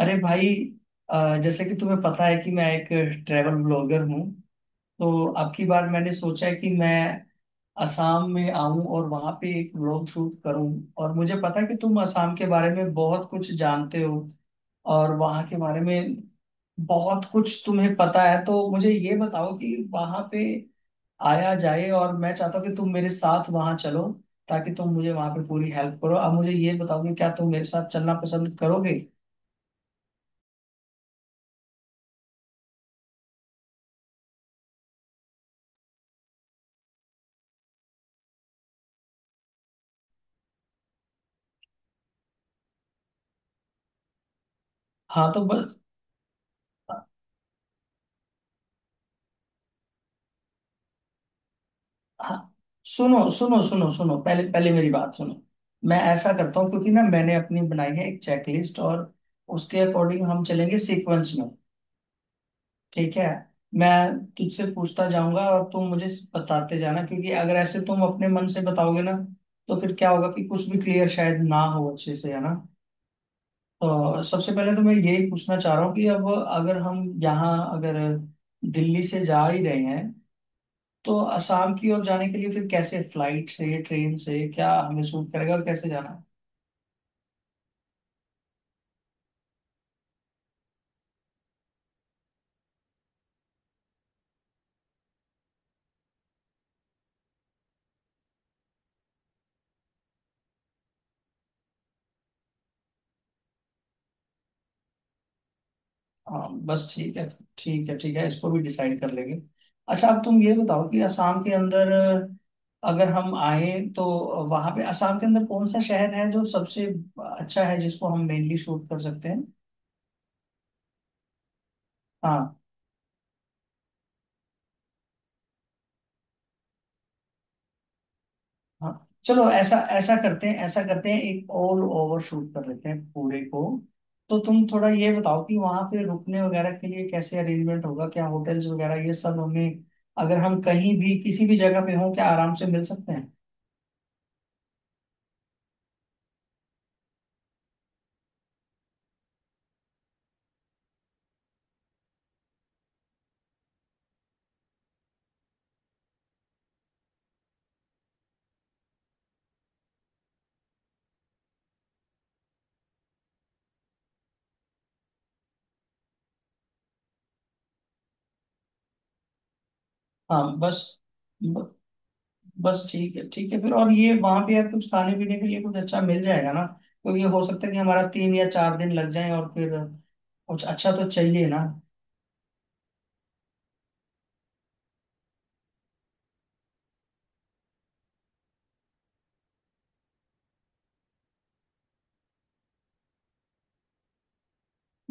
अरे भाई। जैसे कि तुम्हें पता है कि मैं एक ट्रैवल ब्लॉगर हूँ। तो अब की बार मैंने सोचा है कि मैं असम में आऊं और वहां पे एक ब्लॉग शूट करूं, और मुझे पता है कि तुम असम के बारे में बहुत कुछ जानते हो और वहां के बारे में बहुत कुछ तुम्हें पता है। तो मुझे ये बताओ कि वहां पे आया जाए, और मैं चाहता हूँ कि तुम मेरे साथ वहां चलो, ताकि तुम मुझे वहां पे पूरी हेल्प करो। अब मुझे ये बताओ कि क्या तुम मेरे साथ चलना पसंद करोगे। हाँ तो बस। हाँ, सुनो सुनो सुनो सुनो, पहले पहले मेरी बात सुनो। मैं ऐसा करता हूँ क्योंकि ना मैंने अपनी बनाई है एक चेकलिस्ट, और उसके अकॉर्डिंग हम चलेंगे सीक्वेंस में। ठीक है। मैं तुझसे पूछता जाऊंगा और तुम मुझे बताते जाना, क्योंकि अगर ऐसे तुम अपने मन से बताओगे ना, तो फिर क्या होगा कि कुछ भी क्लियर शायद ना हो अच्छे से, है ना। तो सबसे पहले तो मैं यही पूछना चाह रहा हूँ कि अब अगर हम यहाँ अगर दिल्ली से जा ही रहे हैं, तो असम की ओर जाने के लिए फिर कैसे, फ्लाइट से, ट्रेन से, क्या हमें सूट करेगा और कैसे जाना है? हाँ बस ठीक है। ठीक है ठीक है, इसको भी डिसाइड कर लेंगे। अच्छा, अब तुम ये बताओ कि असम के अंदर अगर हम आए तो वहां पे असम के अंदर कौन सा शहर है जो सबसे अच्छा है जिसको हम मेनली शूट कर सकते हैं? हाँ। हाँ चलो ऐसा ऐसा करते हैं, ऐसा करते हैं, एक ऑल ओवर शूट कर लेते हैं पूरे को। तो तुम थोड़ा ये बताओ कि वहां पे रुकने वगैरह के लिए कैसे अरेंजमेंट होगा, क्या होटल्स वगैरह ये सब हमें अगर हम कहीं भी किसी भी जगह पे हों क्या आराम से मिल सकते हैं? हाँ बस। ब, बस ठीक है। ठीक है फिर, और ये वहां पे यार कुछ खाने पीने के लिए कुछ अच्छा मिल जाएगा ना, क्योंकि हो सकता है कि हमारा तीन या चार दिन लग जाए, और फिर कुछ अच्छा तो चाहिए ना।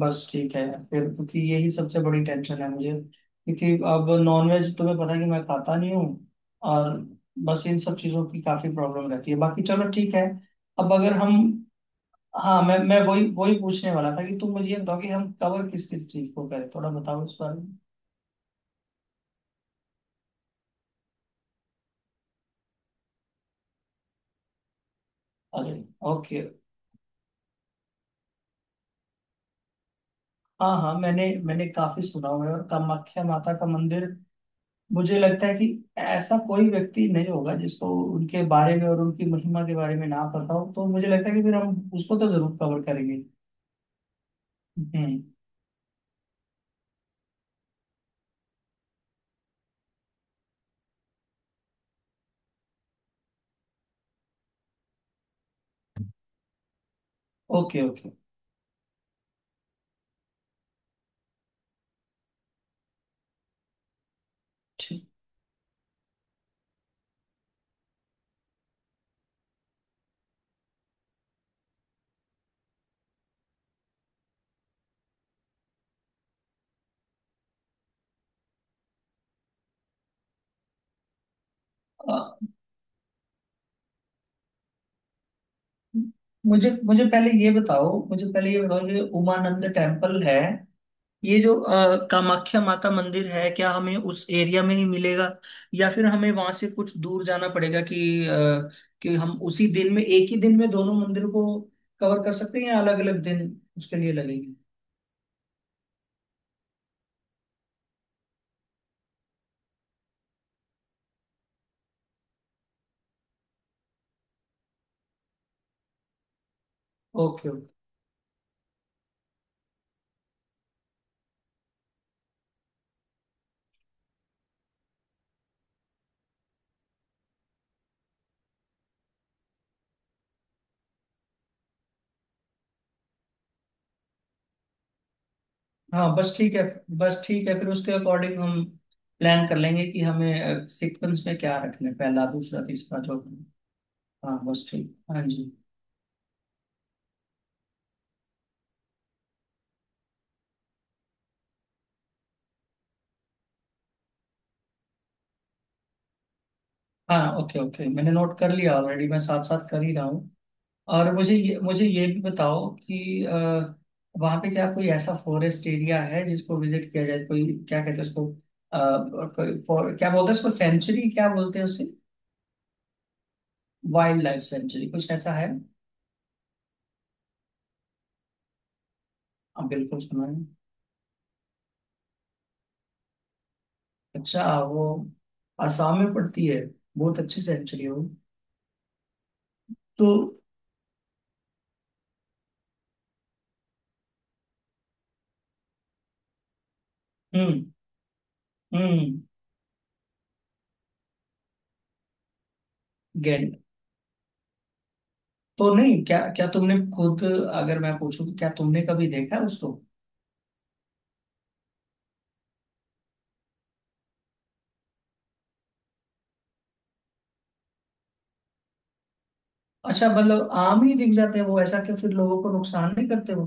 बस ठीक है फिर, क्योंकि यही सबसे बड़ी टेंशन है मुझे, क्योंकि अब नॉनवेज तुम्हें पता है कि मैं खाता नहीं हूँ, और बस इन सब चीज़ों की काफ़ी प्रॉब्लम रहती है, बाकी चलो ठीक है। अब अगर हम हाँ, मैं वही वही पूछने वाला था कि तुम मुझे ये बताओ कि हम कवर किस किस चीज़ को करें, थोड़ा बताओ इस बारे में। अरे, ओके। हाँ हाँ, मैंने मैंने काफ़ी सुना हुआ है, और कामाख्या माता का मंदिर, मुझे लगता है कि ऐसा कोई व्यक्ति नहीं होगा जिसको उनके बारे में और उनकी महिमा के बारे में ना पता हो, तो मुझे लगता है कि फिर हम उसको तो जरूर कवर करेंगे। हम्म। Okay okay. ठीक। अ, मुझे मुझे पहले ये बताओ, मुझे पहले ये बताओ, जो उमानंद टेम्पल है, ये जो कामाख्या माता मंदिर है, क्या हमें उस एरिया में ही मिलेगा, या फिर हमें वहां से कुछ दूर जाना पड़ेगा कि हम उसी दिन में, एक ही दिन में दोनों मंदिर को कवर कर सकते हैं, या अलग अलग दिन उसके लिए लगेंगे? Okay okay. हाँ बस ठीक है। बस ठीक है फिर उसके अकॉर्डिंग हम प्लान कर लेंगे कि हमें सीक्वेंस में क्या रखना है, पहला दूसरा तीसरा चौथा। हाँ बस ठीक। हाँ जी। हाँ ओके ओके, मैंने नोट कर लिया ऑलरेडी, मैं साथ साथ कर ही रहा हूँ। और मुझे ये भी बताओ कि वहाँ पे क्या कोई ऐसा फॉरेस्ट एरिया है जिसको विजिट किया जाए, कोई क्या कहते हैं उसको, अ, कोई क्या बोलते हैं उसको, सेंचुरी क्या बोलते हैं उसे? वाइल्ड लाइफ सेंचुरी, कुछ ऐसा है हाँ। बिल्कुल सुना है। अच्छा, वो आसाम में पड़ती है? बहुत अच्छी सेंचुरी हो तो। हम्म। हम्म। गेंद। तो नहीं, क्या क्या तुमने खुद, अगर मैं पूछूं तो क्या तुमने कभी देखा है उसको? अच्छा, मतलब आम ही दिख जाते हैं वो, ऐसा कि फिर लोगों को नुकसान नहीं करते वो?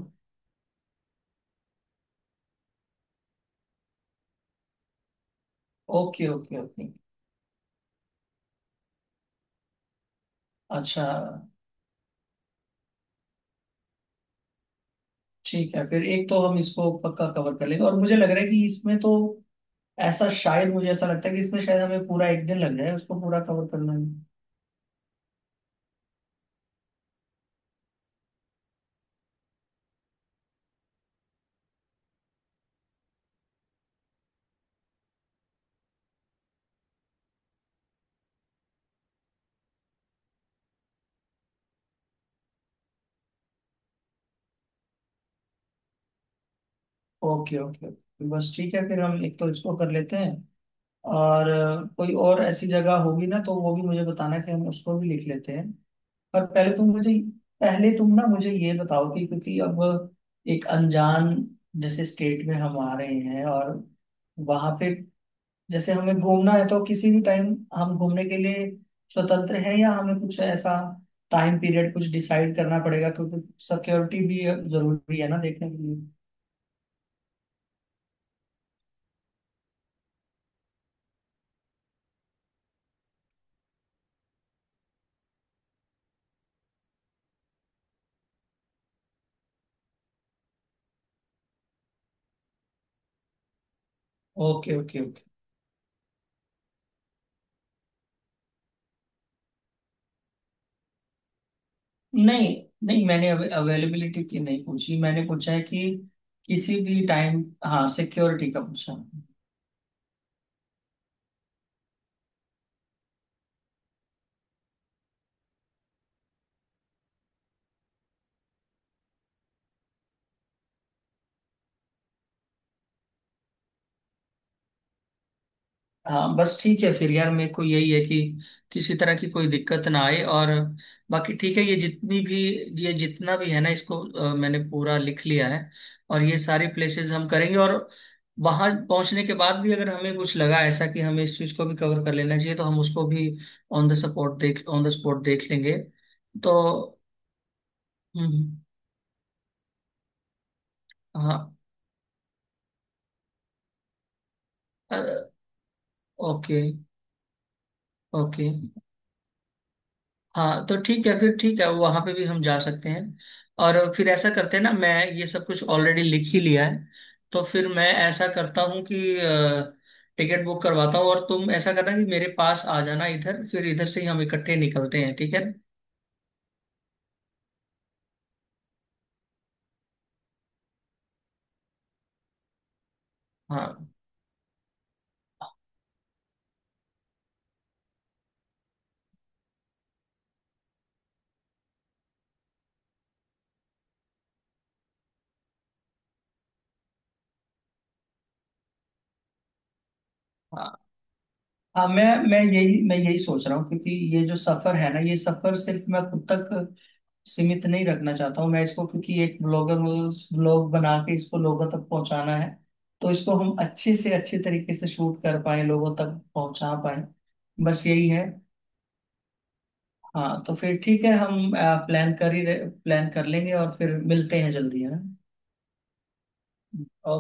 Okay okay okay. अच्छा ठीक है फिर, एक तो हम इसको पक्का कवर कर लेंगे, और मुझे लग रहा है कि इसमें तो ऐसा, शायद मुझे ऐसा लगता है कि इसमें शायद हमें पूरा एक दिन लग जाए उसको पूरा कवर करने में। Okay okay. बस ठीक है फिर, हम एक तो इसको कर लेते हैं, और कोई और ऐसी जगह होगी ना तो वो भी मुझे बताना कि हम उसको भी लिख लेते हैं। पर पहले तुम ना मुझे ये बताओ कि, क्योंकि अब एक अनजान जैसे स्टेट में हम आ रहे हैं, और वहां पे जैसे हमें घूमना है तो किसी भी टाइम हम घूमने के लिए स्वतंत्र हैं, या हमें कुछ ऐसा टाइम पीरियड कुछ डिसाइड करना पड़ेगा, क्योंकि सिक्योरिटी भी जरूरी है ना देखने के लिए। Okay okay. नहीं नहीं, मैंने अवेलेबिलिटी की नहीं पूछी, मैंने पूछा है कि किसी भी टाइम, हाँ, सिक्योरिटी का पूछा। हाँ बस ठीक है फिर यार, मेरे को यही है कि किसी तरह की कोई दिक्कत ना आए, और बाकी ठीक है। ये जितना भी है ना इसको, मैंने पूरा लिख लिया है, और ये सारी प्लेसेस हम करेंगे, और वहां पहुंचने के बाद भी अगर हमें कुछ लगा ऐसा कि हमें इस चीज को भी कवर कर लेना चाहिए, तो हम उसको भी ऑन द स्पॉट देख लेंगे। तो हम्म। हाँ। अरे ओके ओके। हाँ तो ठीक है फिर, ठीक है वहां पे भी हम जा सकते हैं। और फिर ऐसा करते हैं ना, मैं ये सब कुछ ऑलरेडी लिख ही लिया है, तो फिर मैं ऐसा करता हूँ कि टिकट बुक करवाता हूँ, और तुम ऐसा करना कि मेरे पास आ जाना इधर, फिर इधर से ही हम इकट्ठे निकलते हैं, ठीक है ना? हाँ हाँ हाँ, मैं यही सोच रहा हूँ, क्योंकि ये जो सफर है ना, ये सफर सिर्फ मैं खुद तक सीमित नहीं रखना चाहता हूँ मैं इसको, क्योंकि एक ब्लॉगर ब्लॉग बना के इसको लोगों तक पहुंचाना है, तो इसको हम अच्छे से अच्छे तरीके से शूट कर पाए, लोगों तक पहुंचा पाए, बस यही है। हाँ तो फिर ठीक है, हम प्लान कर ही प्लान कर लेंगे, और फिर मिलते हैं जल्दी, है ना।